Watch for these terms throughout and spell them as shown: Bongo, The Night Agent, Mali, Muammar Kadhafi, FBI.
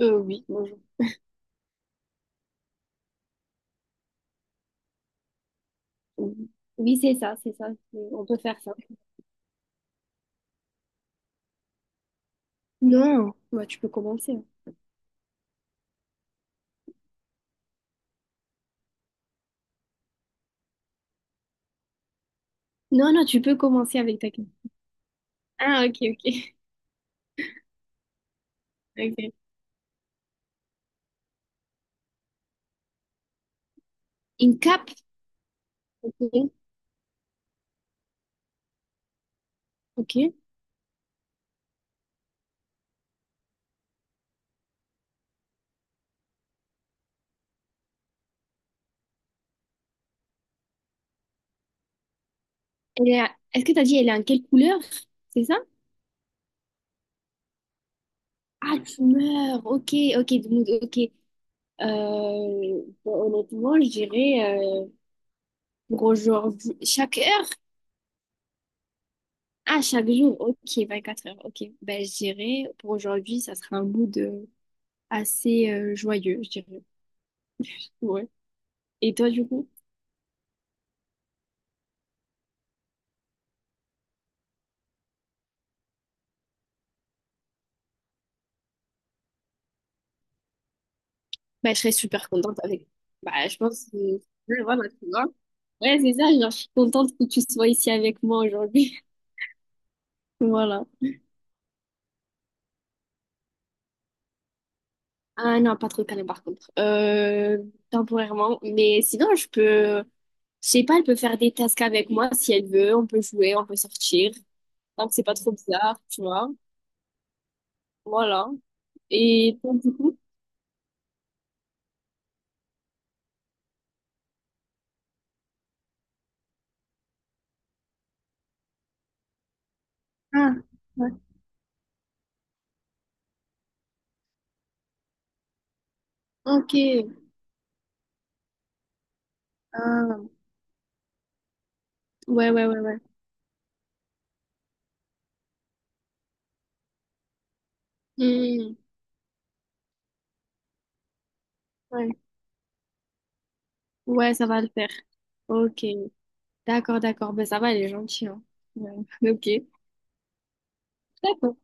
Oui, Bonjour. Oui, c'est ça, c'est ça. On peut faire ça. Non, bah, tu peux commencer. Non, non, tu peux commencer avec ta question. Ah, ok, ok. Ok. Une cape, ok. Ok. Elle est à- Est-ce que tu as dit elle est en quelle couleur? C'est ça? Ah, tu meurs. Ok, ok, donc, ok. Bah, honnêtement, je dirais pour aujourd'hui, chaque heure? Ah, chaque jour, ok, 24 heures, ok. Ben, je dirais pour aujourd'hui, ça sera un mood assez joyeux, je dirais. Ouais. Et toi, du coup? Bah, je serais super contente avec. Bah, je pense que. Ouais, voilà, tu vois. Ouais, c'est ça, genre, je suis contente que tu sois ici avec moi aujourd'hui. Voilà. Ah non, pas trop calme par contre. Temporairement. Mais sinon, je peux. Je sais pas, elle peut faire des tasks avec moi si elle veut. On peut jouer, on peut sortir. Donc, c'est pas trop bizarre, tu vois. Voilà. Et toi, du coup? Ah, ouais. Ok. Ah. Ouais, ouais, ouais, ouais. Hmm. Ouais. Ouais, ça va le faire. Ok. D'accord, d'accord. Ben, ça va, elle est gentille, hein. Ouais. Ok. D'accord.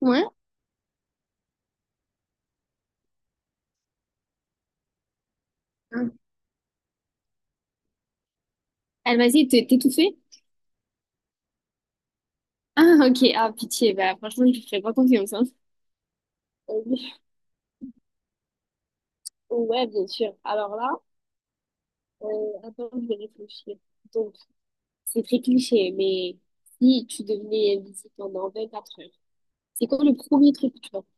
Ouais. Hein. Elle m'a dit, t'es tout fait? Ah, ok. Ah, pitié. Bah, franchement, je lui ferai pas confiance, hein. Euh, Ouais, bien sûr. Alors là, euh, attends, je vais réfléchir. Donc, c'est très cliché, mais si tu devenais invisible pendant quatre heures, c'est quoi le premier truc que tu vas faire?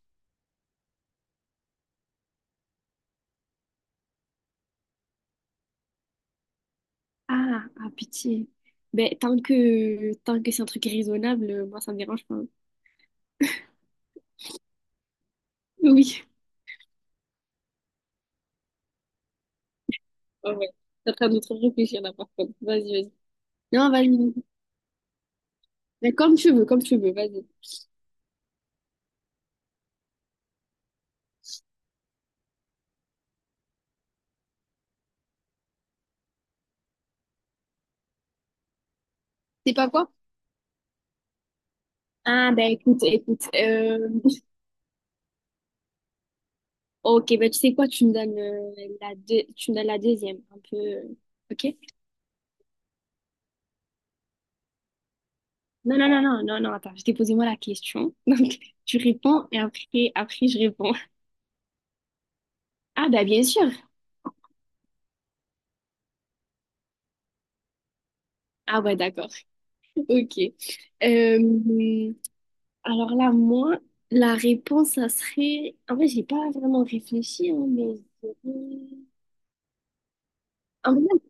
Ah, ah, pitié. Ben, tant que c'est un truc raisonnable, moi, ça me dérange pas. Oui. Ah ouais, t'es en train de trop réfléchir là par contre. Vas-y, vas-y. Non, vas-y. Mais comme tu veux, vas-y. C'est pas quoi? Ah, ben écoute, écoute. Ok, ben tu sais quoi, tu me donnes, la deux... tu me donnes la deuxième, un peu. Euh, ok? Non, non, non, non, non, non, attends, je t'ai posé moi la question. Donc, tu réponds et après, je réponds. Ah, ben bien sûr. Ah, ouais, d'accord. Ok. Euh, alors là, moi, la réponse, ça serait. En vrai, j'ai pas vraiment réfléchi, hein, mais. je dirais- en vrai,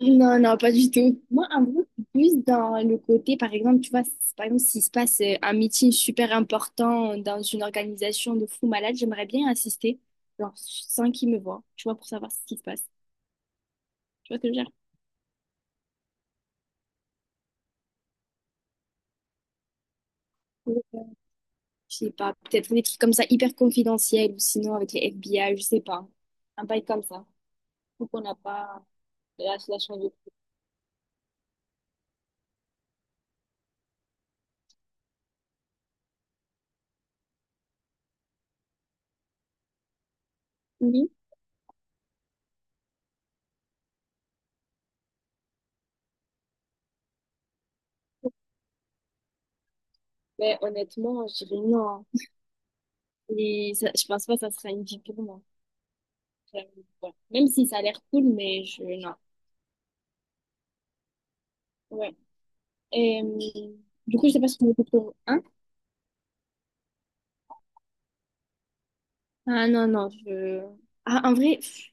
Non, non, pas du tout. Moi, en gros, c'est plus dans le côté, par exemple, tu vois, par exemple, s'il se passe un meeting super important dans une organisation de fou malade, j'aimerais bien assister, genre, sans qu'ils me voient, tu vois, pour savoir ce qui se passe. Tu vois ce que je veux dire? Ou, je sais pas, peut-être des trucs comme ça, hyper confidentiels, ou sinon avec les FBI, je sais pas. Un bail comme ça. Faut qu'on n'a pas la, la chance de... Oui, mais honnêtement, je dirais non. Je pense pas que ça sera une vie pour moi. J'avoue, ouais. Même si ça a l'air cool, mais je... non. Ouais. Et, du coup, je sais pas si on écoute le un. Ah non, non, je... Ah, en vrai, pff,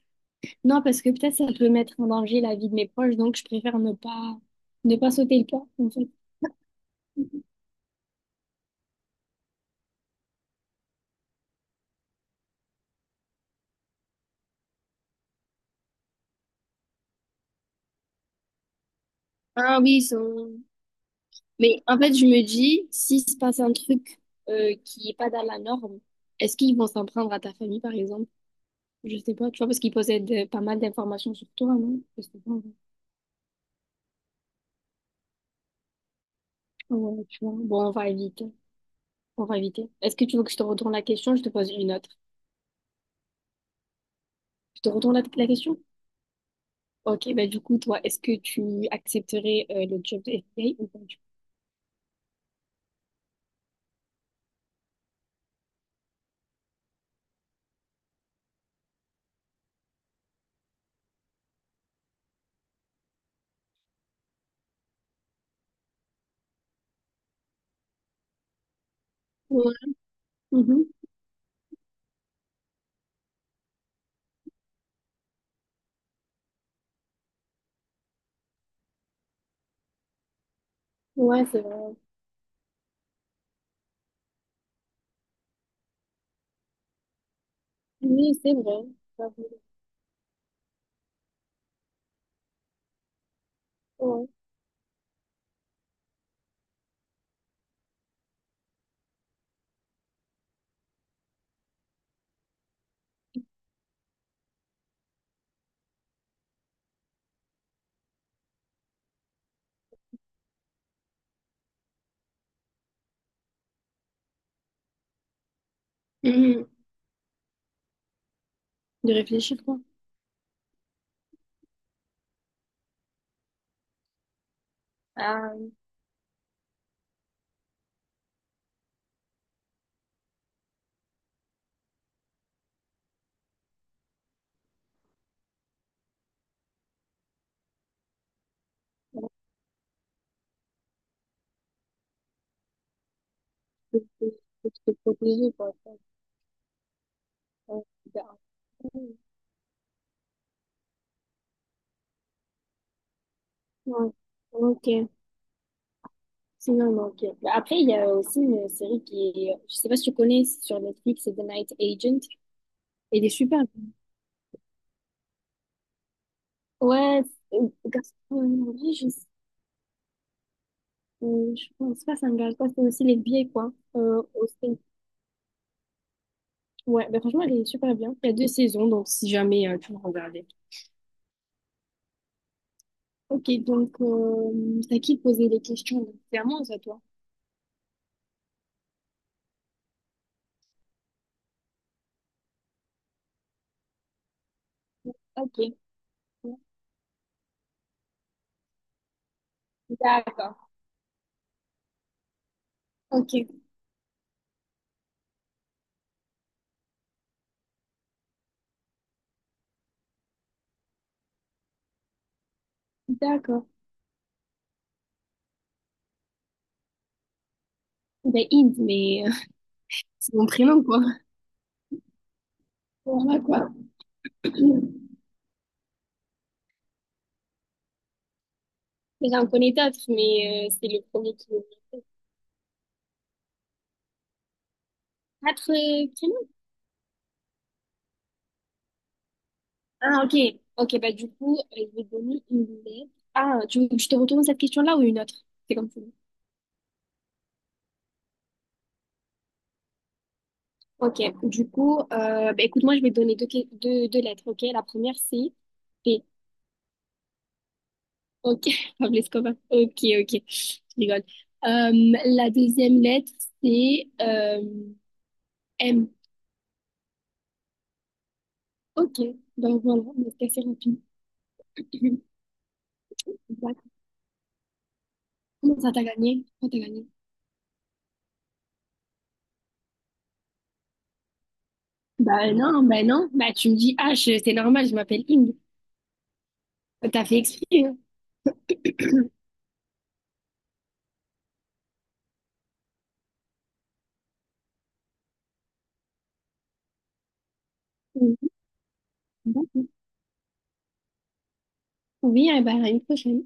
non, parce que peut-être ça peut mettre en danger la vie de mes proches, donc je préfère ne pas sauter le pas, en fait. Ah oui, ils sont... Mais en fait, je me dis, s'il se passe un truc qui est pas dans la norme, est-ce qu'ils vont s'en prendre à ta famille, par exemple? Je sais pas, tu vois, parce qu'ils possèdent pas mal d'informations sur toi, non? Je sais pas, ouais. Ouais, tu vois. Bon, on va éviter. On va éviter. Est-ce que tu veux que je te retourne la question? Je te pose une autre. Je te retourne la question? Ok, bah du coup, toi, est-ce que tu accepterais le job de FBA ou pas du coup? Ouais, mhm. Ouais, c'est vrai. Oui, c'est vrai. J'avoue. Ouais. Coup? Mhm. De réfléchir, quoi. Ah, ouais, faut se faut se protéger, quoi. Ouais, c'est. Ouais. Ok. Sinon, non, ok. Bah, après, il y a aussi une série qui est, je sais pas si tu connais, c'est sur Netflix, c'est The Night Agent. Elle est super. Ouais, c'est- gastronomie, je sais. Je pense pas, ça engage pas. C'est aussi les vieilles, quoi. Aussi. Ouais, bah franchement, elle est super bien. Il y a deux saisons, donc si jamais tu veux regarder. Ok, donc c'est à qui de poser les questions? Donc, c'est à moi ou c'est à toi? Ok, d'accord. Ok, d'accord. Ben, Inde, mais c'est mon prénom, quoi. Voilà, quoi. J'en connais d'autres, mais c'est le premier qui me vient. Quatre prénoms? Ah, ok. Ok, bah du coup, je vais donner une lettre. Ah, tu veux que je te retourne cette question-là ou une autre? C'est comme ça. Ok, du coup, bah, écoute, moi je vais te donner deux lettres, ok? La première c'est P, ok? Pablo Escobar, ok, ok, je rigole. La deuxième lettre c'est M, ok, ben voilà, mais c'est assez rapide. Bah, comment ça t'as gagné? Comment t'as gagné? Bah non, bah non, bah tu me dis H, c'est normal, je m'appelle Inde. T'as fait exprès, hein? Oui, d'accord. Oui, eh ben, à une prochaine.